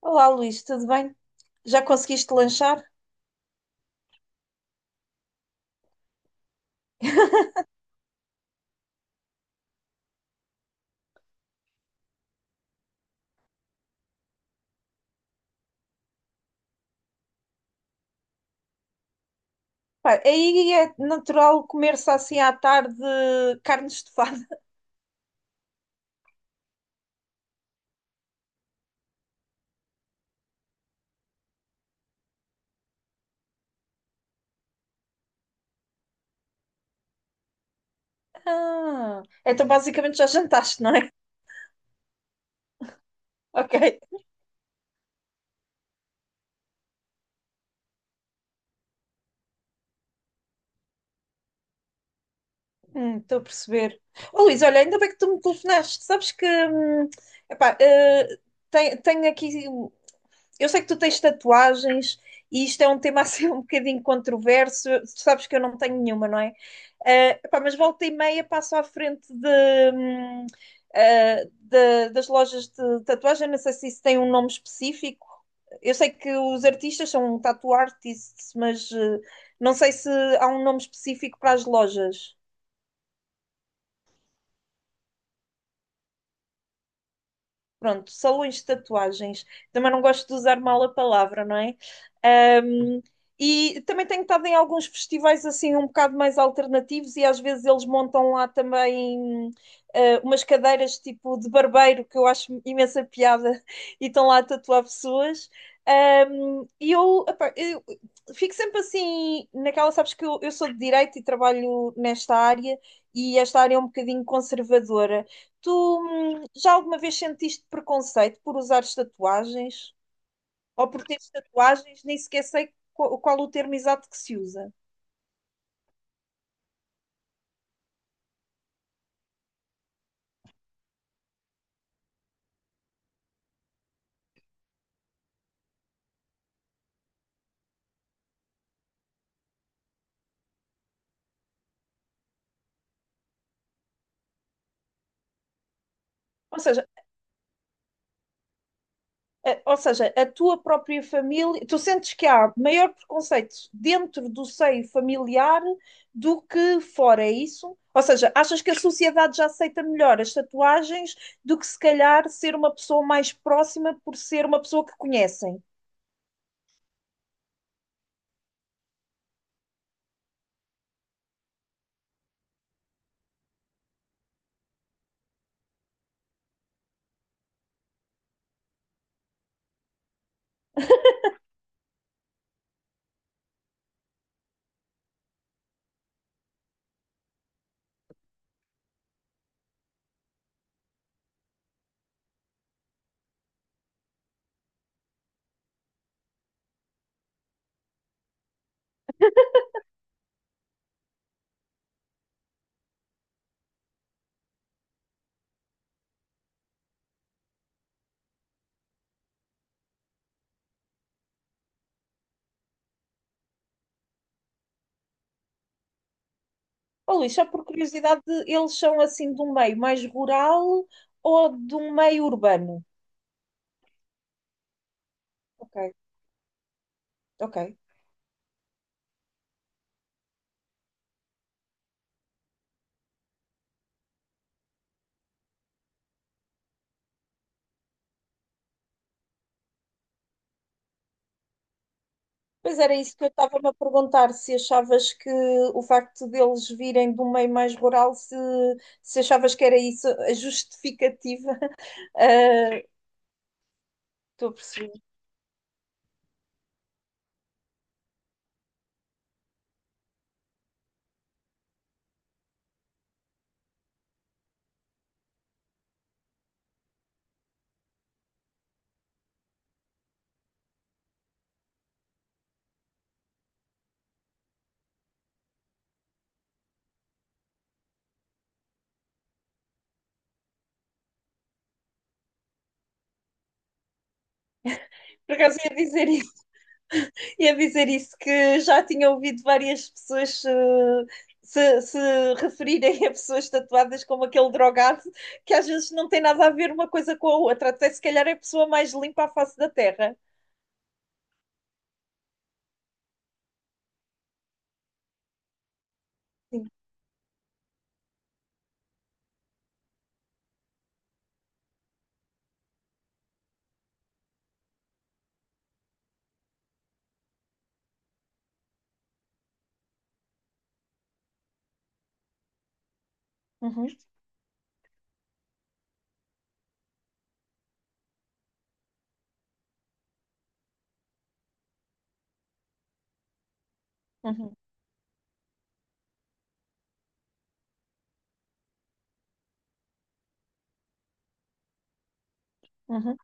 Olá, Luís, tudo bem? Já conseguiste lanchar? Pá, aí é natural comer-se assim à tarde carne estufada. Ah, então basicamente já jantaste, não é? Ok. Estou a perceber. Oh, Luís, olha, ainda bem que tu me telefonaste. Sabes que, epá, eh, tenho aqui. Eu sei que tu tens tatuagens e isto é um tema assim um bocadinho controverso. Tu sabes que eu não tenho nenhuma, não é? Pá, mas volta e meia passo à frente hum, das lojas de tatuagem. Não sei se isso tem um nome específico. Eu sei que os artistas são um tattoo artists, mas não sei se há um nome específico para as lojas. Pronto, salões de tatuagens. Também não gosto de usar mal a palavra, não é? Um, e também tenho estado em alguns festivais assim um bocado mais alternativos e às vezes eles montam lá também umas cadeiras tipo de barbeiro que eu acho imensa piada e estão lá a tatuar pessoas. E eu fico sempre assim naquela. Sabes que eu sou de direito e trabalho nesta área, e esta área é um bocadinho conservadora. Tu já alguma vez sentiste preconceito por usares tatuagens? Ou por teres tatuagens? Nem sequer sei qual, qual o termo exato que se usa. Ou seja, ou seja, a tua própria família, tu sentes que há maior preconceito dentro do seio familiar do que fora, é isso? Ou seja, achas que a sociedade já aceita melhor as tatuagens do que se calhar ser uma pessoa mais próxima por ser uma pessoa que conhecem? Oh, Luís, só por curiosidade, eles são assim de um meio mais rural ou de um meio urbano? Ok, ok. Pois era isso que eu estava-me a perguntar, se achavas que o facto deles virem de um meio mais rural, se achavas que era isso a justificativa. Ah, estou a perceber. Por acaso ia dizer e a dizer isso, que já tinha ouvido várias pessoas se referirem a pessoas tatuadas como aquele drogado, que às vezes não tem nada a ver uma coisa com a outra, até se calhar é a pessoa mais limpa à face da Terra. Sim. Uhum, uhum, uhum,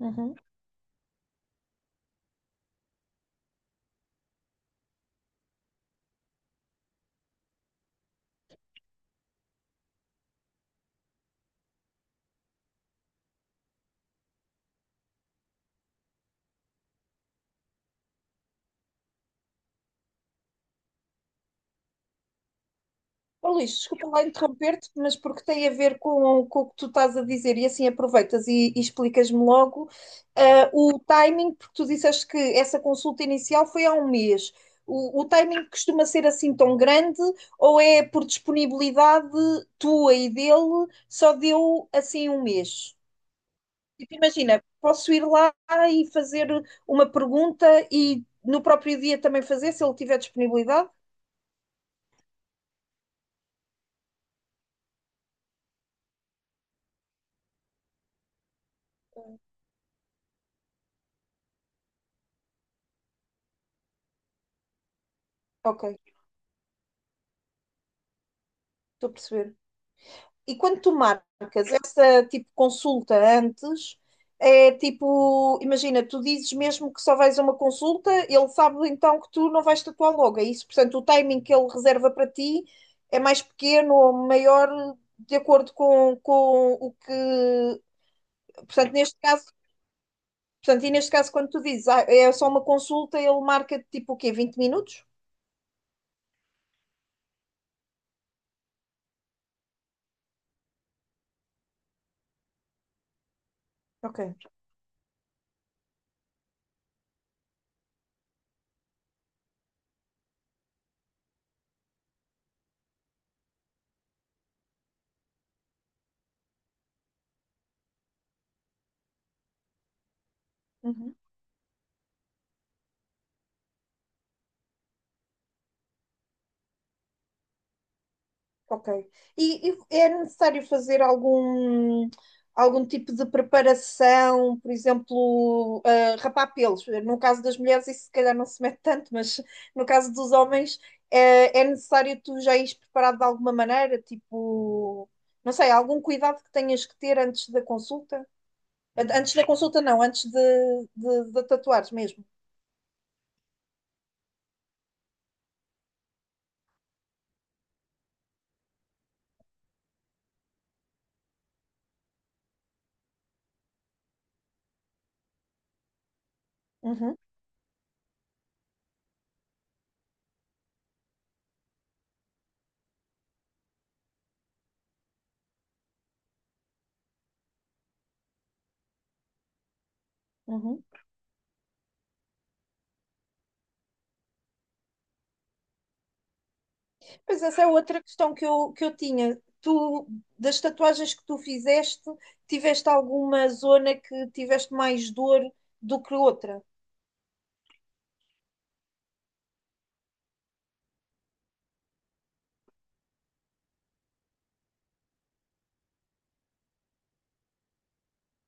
uhum. Oh, Luís, desculpa lá interromper-te, mas porque tem a ver com o que tu estás a dizer, e assim aproveitas e explicas-me logo o timing, porque tu disseste que essa consulta inicial foi há um mês. O timing costuma ser assim tão grande ou é por disponibilidade tua e dele, só deu assim um mês? Tipo, imagina, posso ir lá e fazer uma pergunta e no próprio dia também fazer, se ele tiver disponibilidade? Ok, estou a perceber. E quando tu marcas essa tipo consulta antes, é tipo, imagina, tu dizes mesmo que só vais a uma consulta, ele sabe então que tu não vais tatuar logo, é isso? Portanto, o timing que ele reserva para ti é mais pequeno ou maior de acordo com o que. Portanto, neste caso, portanto, e neste caso, quando tu dizes ah, é só uma consulta, ele marca tipo o quê? 20 minutos? Ok. Uhum. Ok. E é necessário fazer algum, algum tipo de preparação, por exemplo, ah, rapar pelos. No caso das mulheres, isso se calhar não se mete tanto, mas no caso dos homens, é necessário tu já ires preparado de alguma maneira, tipo, não sei, algum cuidado que tenhas que ter antes da consulta? Antes da consulta, não, de tatuares mesmo. Uhum, uhum. Pois essa é outra questão que eu tinha. Tu, das tatuagens que tu fizeste, tiveste alguma zona que tiveste mais dor do que outra?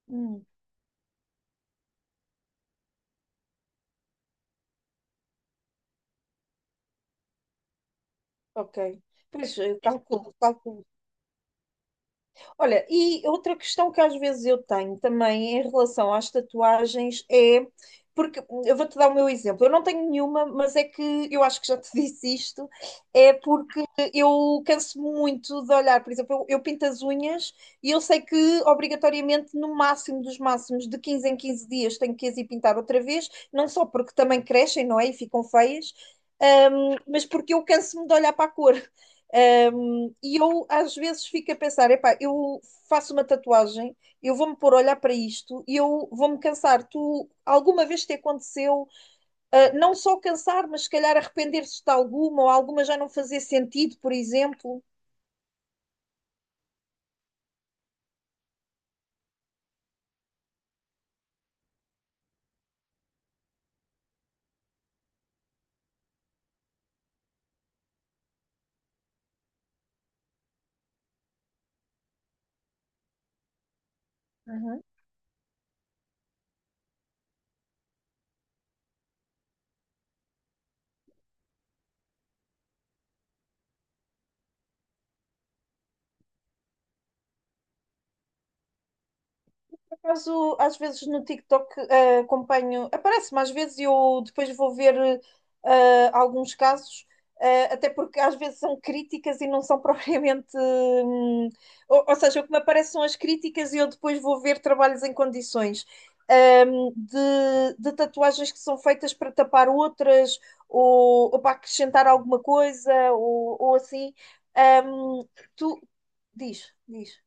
Hum, ok. Pois, eu calculo, calculo. Olha, e outra questão que às vezes eu tenho também em relação às tatuagens é, porque eu vou-te dar o meu exemplo, eu não tenho nenhuma, mas é que eu acho que já te disse isto, é porque eu canso muito de olhar. Por exemplo, eu pinto as unhas e eu sei que obrigatoriamente no máximo dos máximos de 15 em 15 dias tenho que as ir pintar outra vez, não só porque também crescem, não é? E ficam feias, mas porque eu canso-me de olhar para a cor. E eu às vezes fico a pensar, epá, eu faço uma tatuagem, eu vou-me pôr a olhar para isto e eu vou-me cansar. Tu alguma vez te aconteceu, ah, não só cansar, mas se calhar arrepender-se de alguma ou alguma já não fazer sentido, por exemplo? Por acaso, às vezes no TikTok acompanho, aparece-me às vezes e eu depois vou ver alguns casos, até porque às vezes são críticas e não são propriamente. Ou seja, o que me aparecem são as críticas e eu depois vou ver trabalhos em condições. De tatuagens que são feitas para tapar outras ou para acrescentar alguma coisa ou assim. Hum, Tu, diz, diz.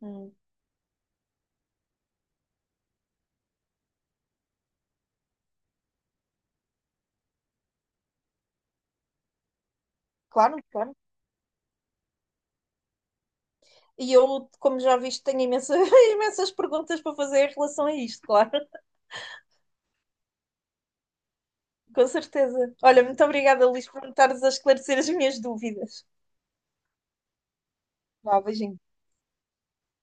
Hum. Claro, claro. E eu, como já viste, tenho imensas, imensas perguntas para fazer em relação a isto, claro. Com certeza. Olha, muito obrigada, Luís, por me estares a esclarecer as minhas dúvidas. Vá, beijinho.